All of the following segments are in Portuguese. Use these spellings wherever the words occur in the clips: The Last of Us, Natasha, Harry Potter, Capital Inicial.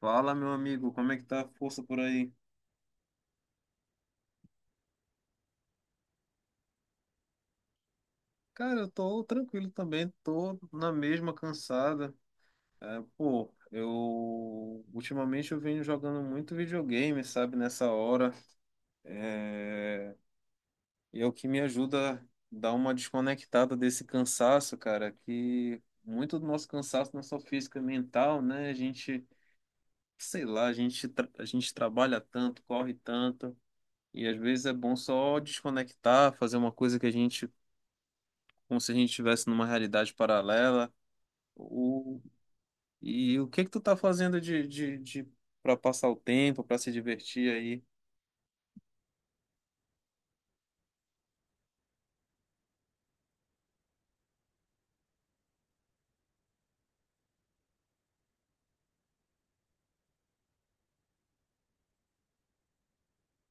Fala, meu amigo, como é que tá a força por aí? Cara, eu tô tranquilo também, tô na mesma cansada. É, pô, eu ultimamente eu venho jogando muito videogame, sabe, nessa hora. É, e é o que me ajuda a dar uma desconectada desse cansaço, cara, que muito do nosso cansaço não é só físico, é mental, né? A gente, sei lá, a gente trabalha tanto, corre tanto. E às vezes é bom só desconectar, fazer uma coisa que a gente como se a gente estivesse numa realidade paralela. O, e o que que tu tá fazendo de para passar o tempo, para se divertir aí?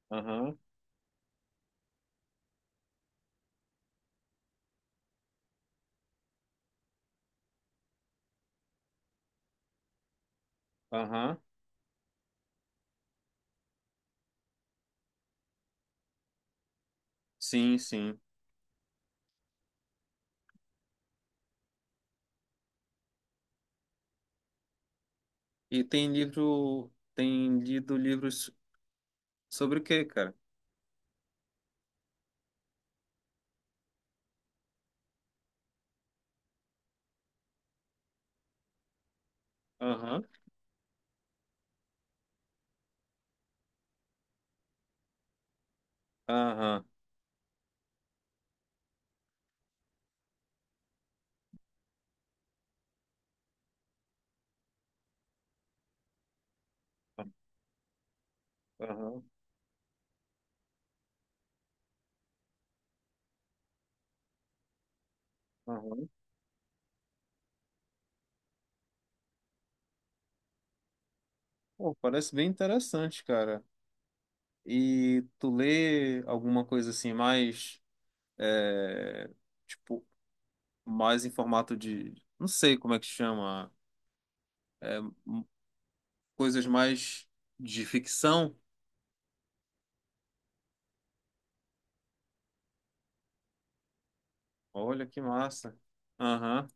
Aham, aham. Sim, sim. E tem livro, tem lido livros sobre o quê, cara? Aham, aham, aham, aham. Pô, parece bem interessante, cara. E tu lê alguma coisa assim mais, é, tipo, mais em formato de, não sei como é que chama, coisas mais de ficção. Olha que massa. Aham,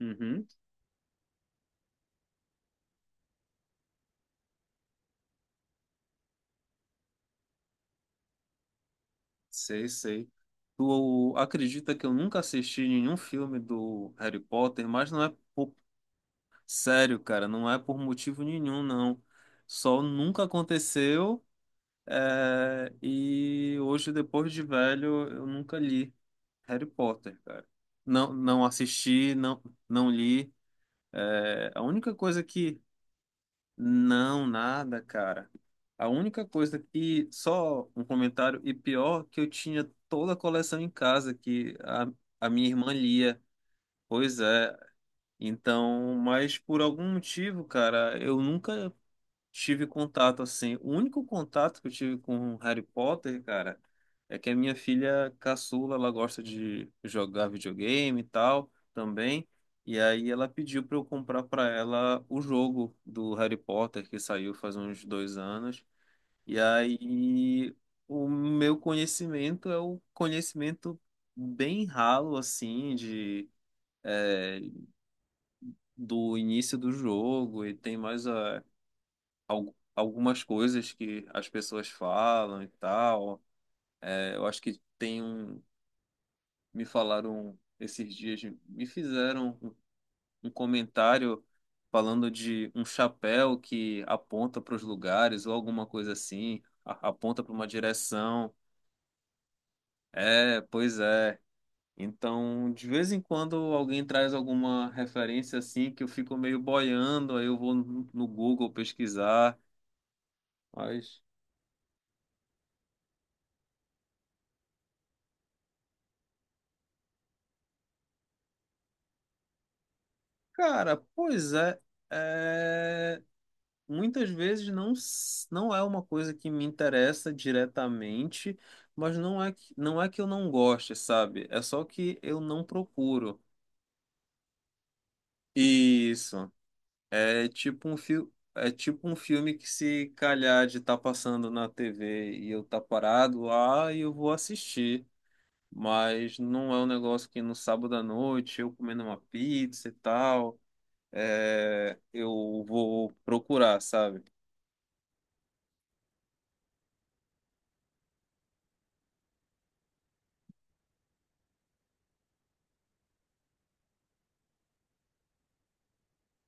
uhum. Sei, sei. Tu acredita que eu nunca assisti nenhum filme do Harry Potter, mas não é por... Sério, cara, não é por motivo nenhum, não. Só nunca aconteceu, é, e hoje, depois de velho, eu nunca li Harry Potter, cara. Não, não assisti, não, não li. É, a única coisa que... Não, nada, cara. A única coisa que, só um comentário, e pior, que eu tinha toda a coleção em casa que a minha irmã lia. Pois é. Então, mas por algum motivo, cara, eu nunca tive contato assim. O único contato que eu tive com Harry Potter, cara, é que a minha filha caçula, ela gosta de jogar videogame e tal também. E aí ela pediu para eu comprar para ela o jogo do Harry Potter que saiu faz uns dois anos. E aí o meu conhecimento é o conhecimento bem ralo assim de do início do jogo e tem mais a algumas coisas que as pessoas falam e tal. É, eu acho que tem um. Me falaram esses dias, me fizeram um comentário falando de um chapéu que aponta para os lugares ou alguma coisa assim, aponta para uma direção. É, pois é. Então, de vez em quando alguém traz alguma referência assim que eu fico meio boiando, aí eu vou no Google pesquisar. Mas... Cara, pois é, é, muitas vezes não, não é uma coisa que me interessa diretamente, mas não é que eu não goste, sabe? É só que eu não procuro. Isso. É tipo um filme que se calhar de estar passando na TV e eu tá parado lá e eu vou assistir. Mas não é um negócio que no sábado à noite eu comendo uma pizza e tal. É, eu vou procurar, sabe?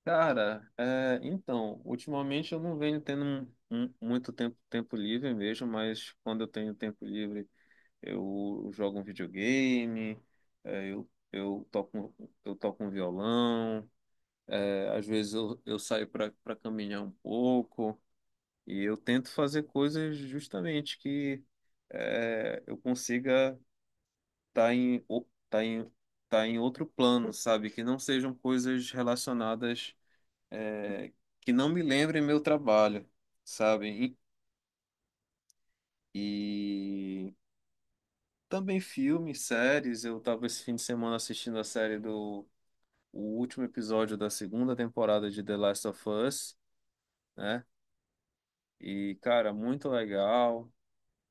Cara, é, então, ultimamente eu não venho tendo muito tempo, tempo livre mesmo, mas quando eu tenho tempo livre, eu jogo um videogame, é, eu toco um violão, é, às vezes eu saio para caminhar um pouco, e eu tento fazer coisas justamente que é, eu consiga. tá em, o- tá em, tá em outro plano, sabe? Que não sejam coisas relacionadas, é, que não me lembrem meu trabalho, sabe? E também filmes, séries. Eu tava esse fim de semana assistindo a série do o último episódio da segunda temporada de The Last of Us, né? E, cara, muito legal.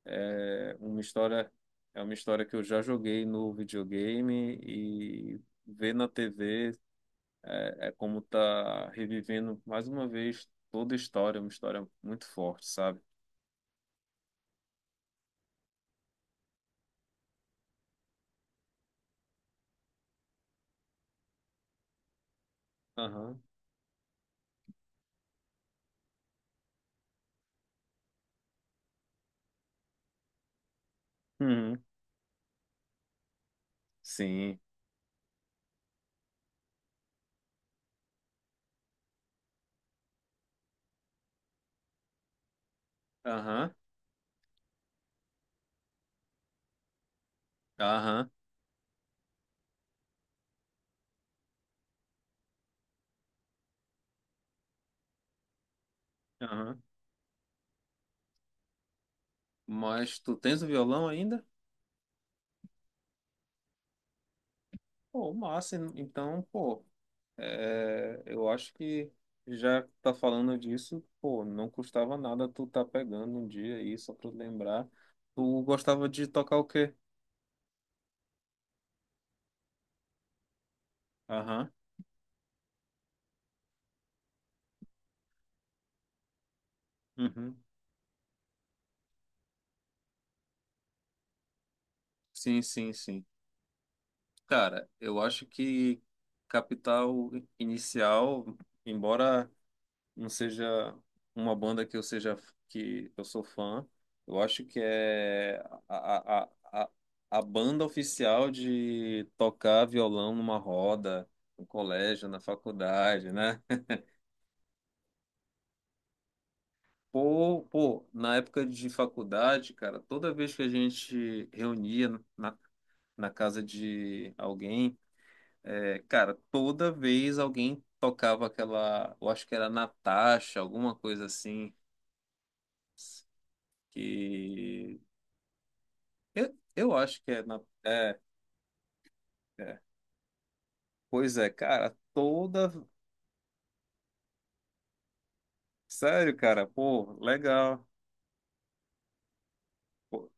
É uma história, é uma história que eu já joguei no videogame e ver na TV. É como tá revivendo mais uma vez toda a história, uma história muito forte, sabe? Aham. Uhum. Sim. Aham. Aham. Aham. Mas tu tens o violão ainda? Pô, massa. Então, pô, é, eu acho que já que tá falando disso, pô, não custava nada tu tá pegando um dia aí, só pra lembrar. Tu gostava de tocar o quê? Aham. Uhum. Sim, sim, sim. Cara, eu acho que Capital Inicial, embora não seja uma banda que eu seja que eu sou fã, eu acho que é a, a, a, a banda oficial de tocar violão numa roda, no colégio, na faculdade, né? Pô, na época de faculdade, cara, toda vez que a gente reunia na, na casa de alguém. É, cara, toda vez alguém tocava aquela, eu acho que era Natasha, alguma coisa assim, que eu acho que é, é, é. Pois é, cara, toda, sério, cara, pô, legal. Pô.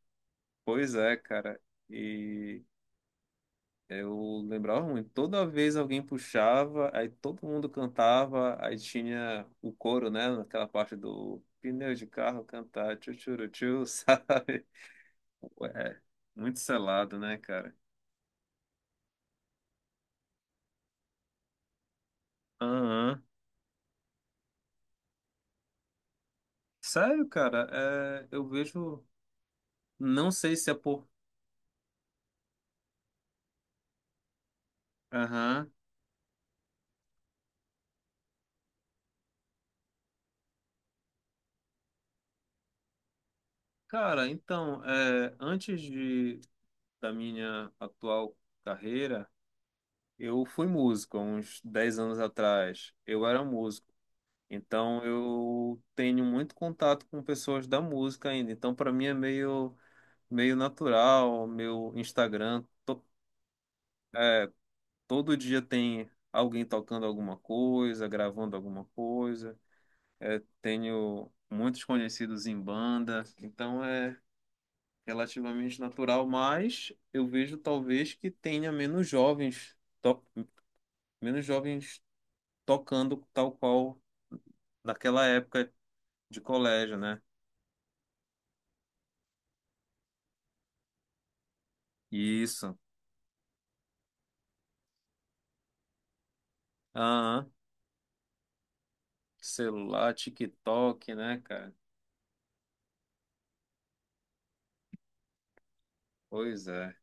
Pois é, cara. E eu lembrava muito, toda vez alguém puxava, aí todo mundo cantava, aí tinha o coro, né, naquela parte do pneu de carro cantar, tchu tchu tchu, sabe? Ué, é muito selado, né, cara? Aham. Sério, cara, é, eu vejo. Não sei se é por. Aham. Cara, então, é, antes de, da minha atual carreira, eu fui músico, há uns 10 anos atrás. Eu era músico. Então, eu tenho muito contato com pessoas da música ainda. Então, para mim é meio, meio natural, meu Instagram. Todo dia tem alguém tocando alguma coisa, gravando alguma coisa. É, tenho muitos conhecidos em banda, então é relativamente natural, mas eu vejo talvez que tenha menos jovens, menos jovens tocando tal qual naquela época de colégio, né? Isso. Aham. Celular, TikTok, né, cara? Pois é.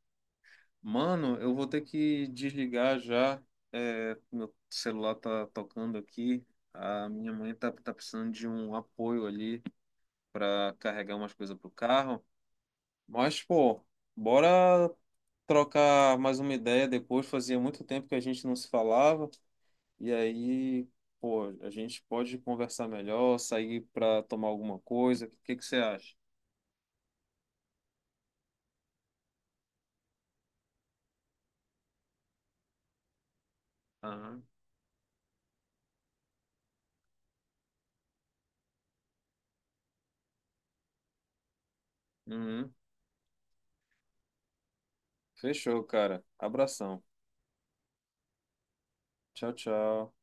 Mano, eu vou ter que desligar já. É, meu celular tá tocando aqui. A minha mãe tá precisando de um apoio ali para carregar umas coisas pro carro. Mas, pô, bora trocar mais uma ideia depois. Fazia muito tempo que a gente não se falava. E aí, pô, a gente pode conversar melhor, sair pra tomar alguma coisa. O que que você acha? Aham. Uhum. Fechou, cara. Abração. Tchau, tchau.